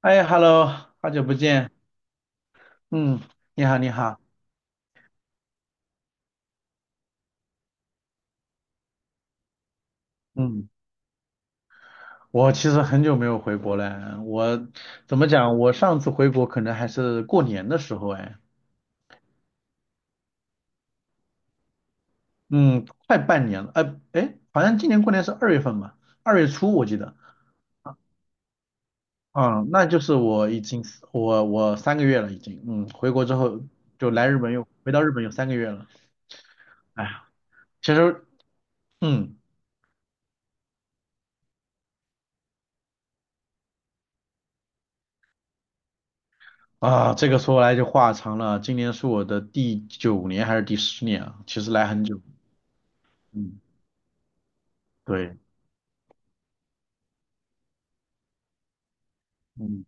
哎，Hello，好久不见。嗯，你好，你好。嗯，我其实很久没有回国了。我怎么讲？我上次回国可能还是过年的时候，哎，嗯，快半年了。哎，好像今年过年是2月份吧？2月初我记得。嗯，那就是我已经我三个月了，已经。嗯，回国之后就来日本又回到日本有三个月了。哎呀，其实嗯。啊，这个说来就话长了。今年是我的第九年还是第10年啊？其实来很久。嗯，对，嗯，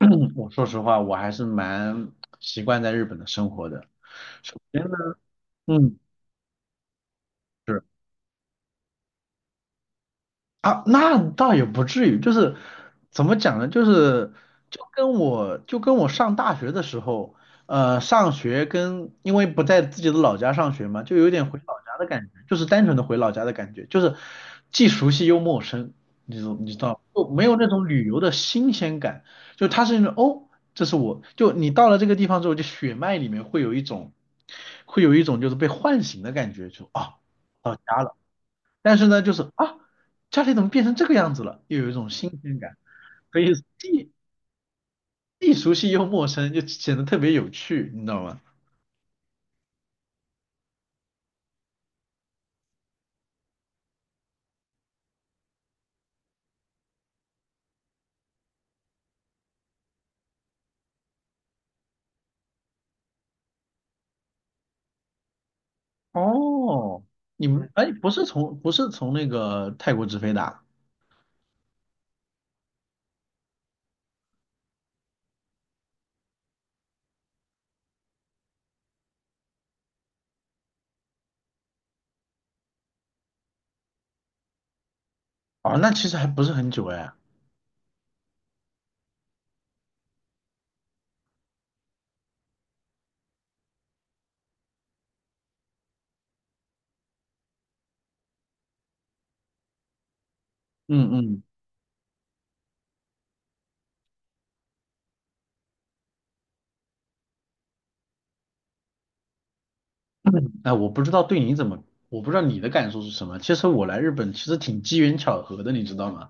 我说实话，我还是蛮习惯在日本的生活的。首先呢，嗯。是。啊，那倒也不至于，就是怎么讲呢？就是就跟我上大学的时候，上学跟因为不在自己的老家上学嘛，就有点回老家的感觉，就是单纯的回老家的感觉，就是既熟悉又陌生，你知道吗，就没有那种旅游的新鲜感，就它是那种哦，这是我就你到了这个地方之后，就血脉里面会有一种就是被唤醒的感觉，就啊。到家了。但是呢，就是啊，家里怎么变成这个样子了，又有一种新鲜感，所以既既熟悉又陌生，就显得特别有趣，你知道吗？哦，你们哎，不是从那个泰国直飞的啊？哦，那其实还不是很久哎。嗯嗯 哎，我不知道对你怎么，我不知道你的感受是什么。其实我来日本其实挺机缘巧合的，你知道吗？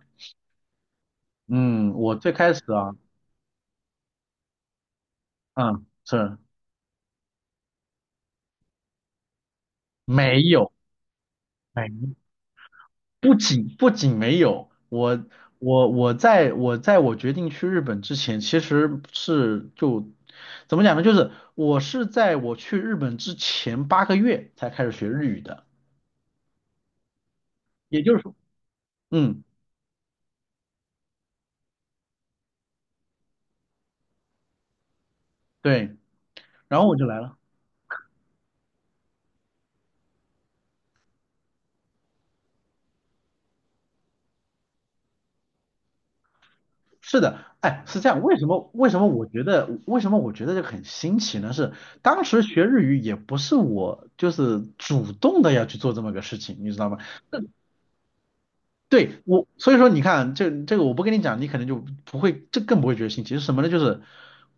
嗯，我最开始啊，嗯，是没有没不仅没有，我在我决定去日本之前，其实是就怎么讲呢？就是我是在我去日本之前八个月才开始学日语的，也就是说，嗯，对，然后我就来了。是的，哎，是这样。为什么我觉得这个很新奇呢？是当时学日语也不是我就是主动的要去做这么个事情，你知道吗？对我，所以说你看，这个我不跟你讲，你可能就不会，这更不会觉得新奇。是什么呢？就是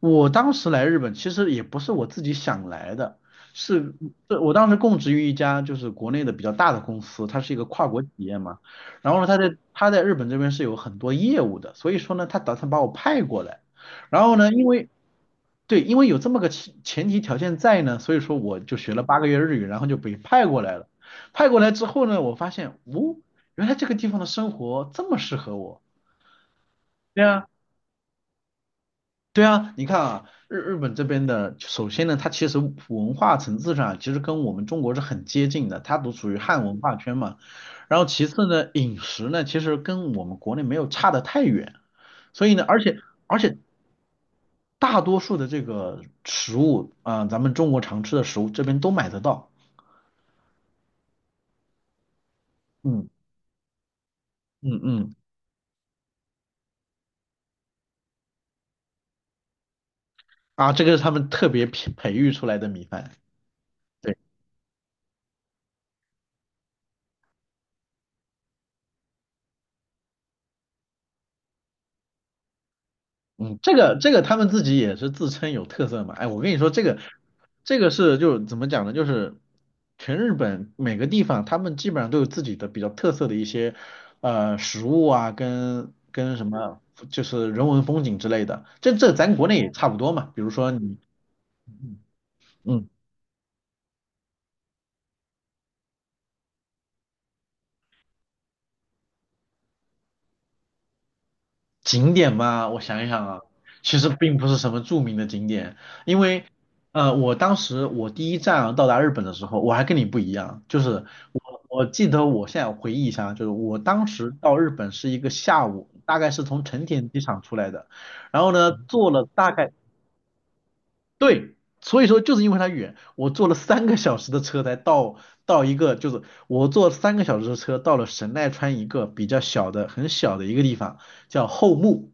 我当时来日本，其实也不是我自己想来的，是是我当时供职于一家就是国内的比较大的公司，它是一个跨国企业嘛。然后呢，他在日本这边是有很多业务的，所以说呢，他打算把我派过来。然后呢，因为对，因为有这么个前提条件在呢，所以说我就学了八个月日语，然后就被派过来了。派过来之后呢，我发现，哦，原来这个地方的生活这么适合我。对啊，对啊，你看啊，日本这边的，首先呢，它其实文化层次上其实跟我们中国是很接近的，它都属于汉文化圈嘛。然后其次呢，饮食呢，其实跟我们国内没有差得太远。所以呢，而且而且大多数的这个食物啊、咱们中国常吃的食物这边都买得到。嗯嗯嗯，啊，这个是他们特别培育出来的米饭。对，嗯，这个他们自己也是自称有特色嘛。哎，我跟你说，这个是就怎么讲呢？就是全日本每个地方，他们基本上都有自己的比较特色的一些食物啊，跟什么就是人文风景之类的。这咱国内也差不多嘛。比如说你。嗯。景点嘛，我想一想啊，其实并不是什么著名的景点，因为我当时我第一站啊到达日本的时候，我还跟你不一样，就是我记得我现在回忆一下，就是我当时到日本是一个下午，大概是从成田机场出来的，然后呢坐了大概对。所以说，就是因为它远，我坐了三个小时的车才到一个，就是我坐三个小时的车到了神奈川一个比较小的、很小的一个地方，叫后木。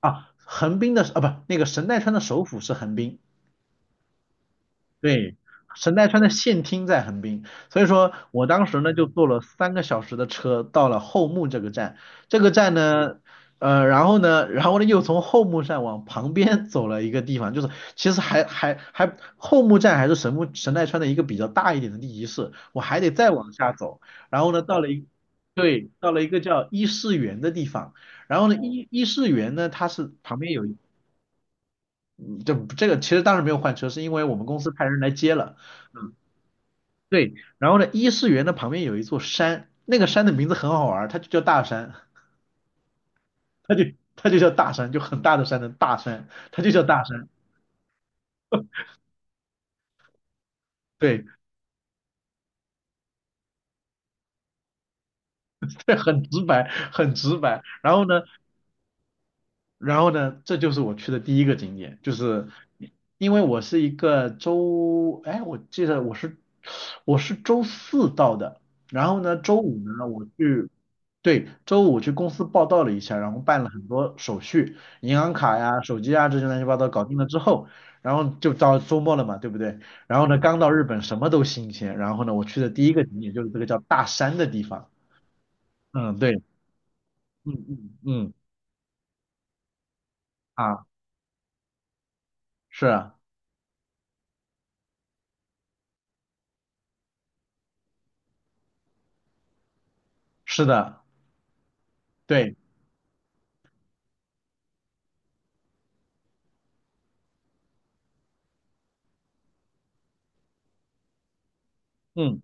啊，横滨的啊，不，那个神奈川的首府是横滨，对，神奈川的县厅在横滨，所以说我当时呢就坐了三个小时的车到了后木这个站，这个站呢，然后呢又从后木站往旁边 走了一个地方，就是其实还后木站还是神奈川的一个比较大一点的地级市，我还得再往下走，然后呢到了一对，到了一个叫伊势原的地方，然后呢伊势原呢它是旁边有。这个其实当时没有换车，是因为我们公司派人来接了。对，然后呢，伊势园的旁边有一座山，那个山的名字很好玩，它就叫大山，它就它就叫大山，就很大的山的大山，它就叫大山。对，对，很直白，很直白。然后呢，这就是我去的第一个景点，就是因为我是一个周，哎，我记得我是周四到的，然后呢，周五呢我去，对，周五去公司报道了一下，然后办了很多手续，银行卡呀、手机啊这些乱七八糟搞定了之后，然后就到周末了嘛，对不对？然后呢，刚到日本什么都新鲜，然后呢，我去的第一个景点就是这个叫大山的地方，嗯，对，嗯嗯嗯，啊，是啊是的，对。嗯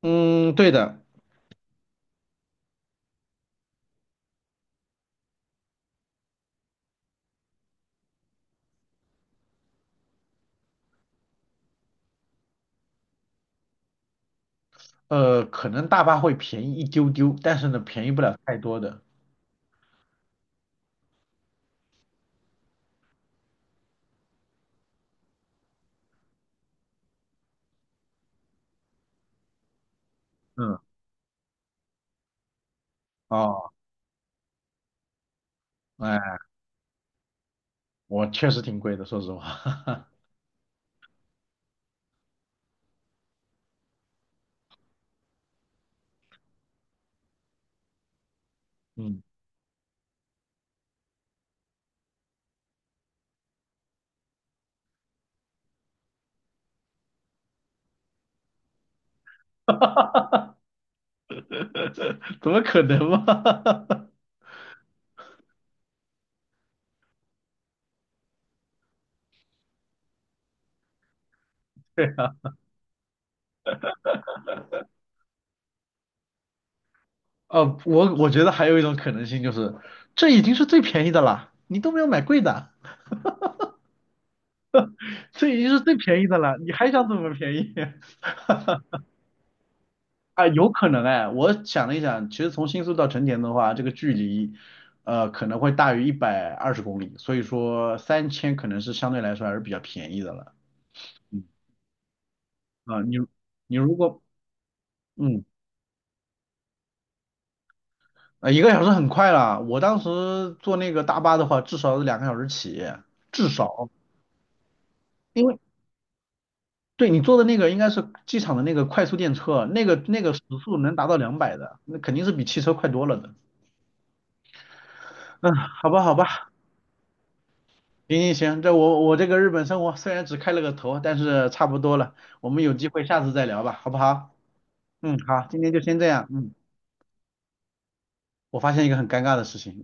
嗯，对的，可能大巴会便宜一丢丢，但是呢，便宜不了太多的。嗯，哦，哎，我确实挺贵的，说实话。嗯，怎么可能嘛？对啊，哦，我觉得还有一种可能性就是，这已经是最便宜的了，你都没有买贵的，这已经是最便宜的了，你还想怎么便宜？啊，有可能哎，我想了一想，其实从新宿到成田的话，这个距离，可能会大于120公里，所以说3000可能是相对来说还是比较便宜的了。嗯，啊，你你如果嗯，呃，1个小时很快了，我当时坐那个大巴的话，至少是2个小时起，至少，因为对你坐的那个应该是机场的那个快速电车，那个时速能达到200的，那肯定是比汽车快多了的。嗯，好吧，好吧。行行行，这我这个日本生活虽然只开了个头，但是差不多了，我们有机会下次再聊吧，好不好？嗯，好，今天就先这样。嗯，我发现一个很尴尬的事情。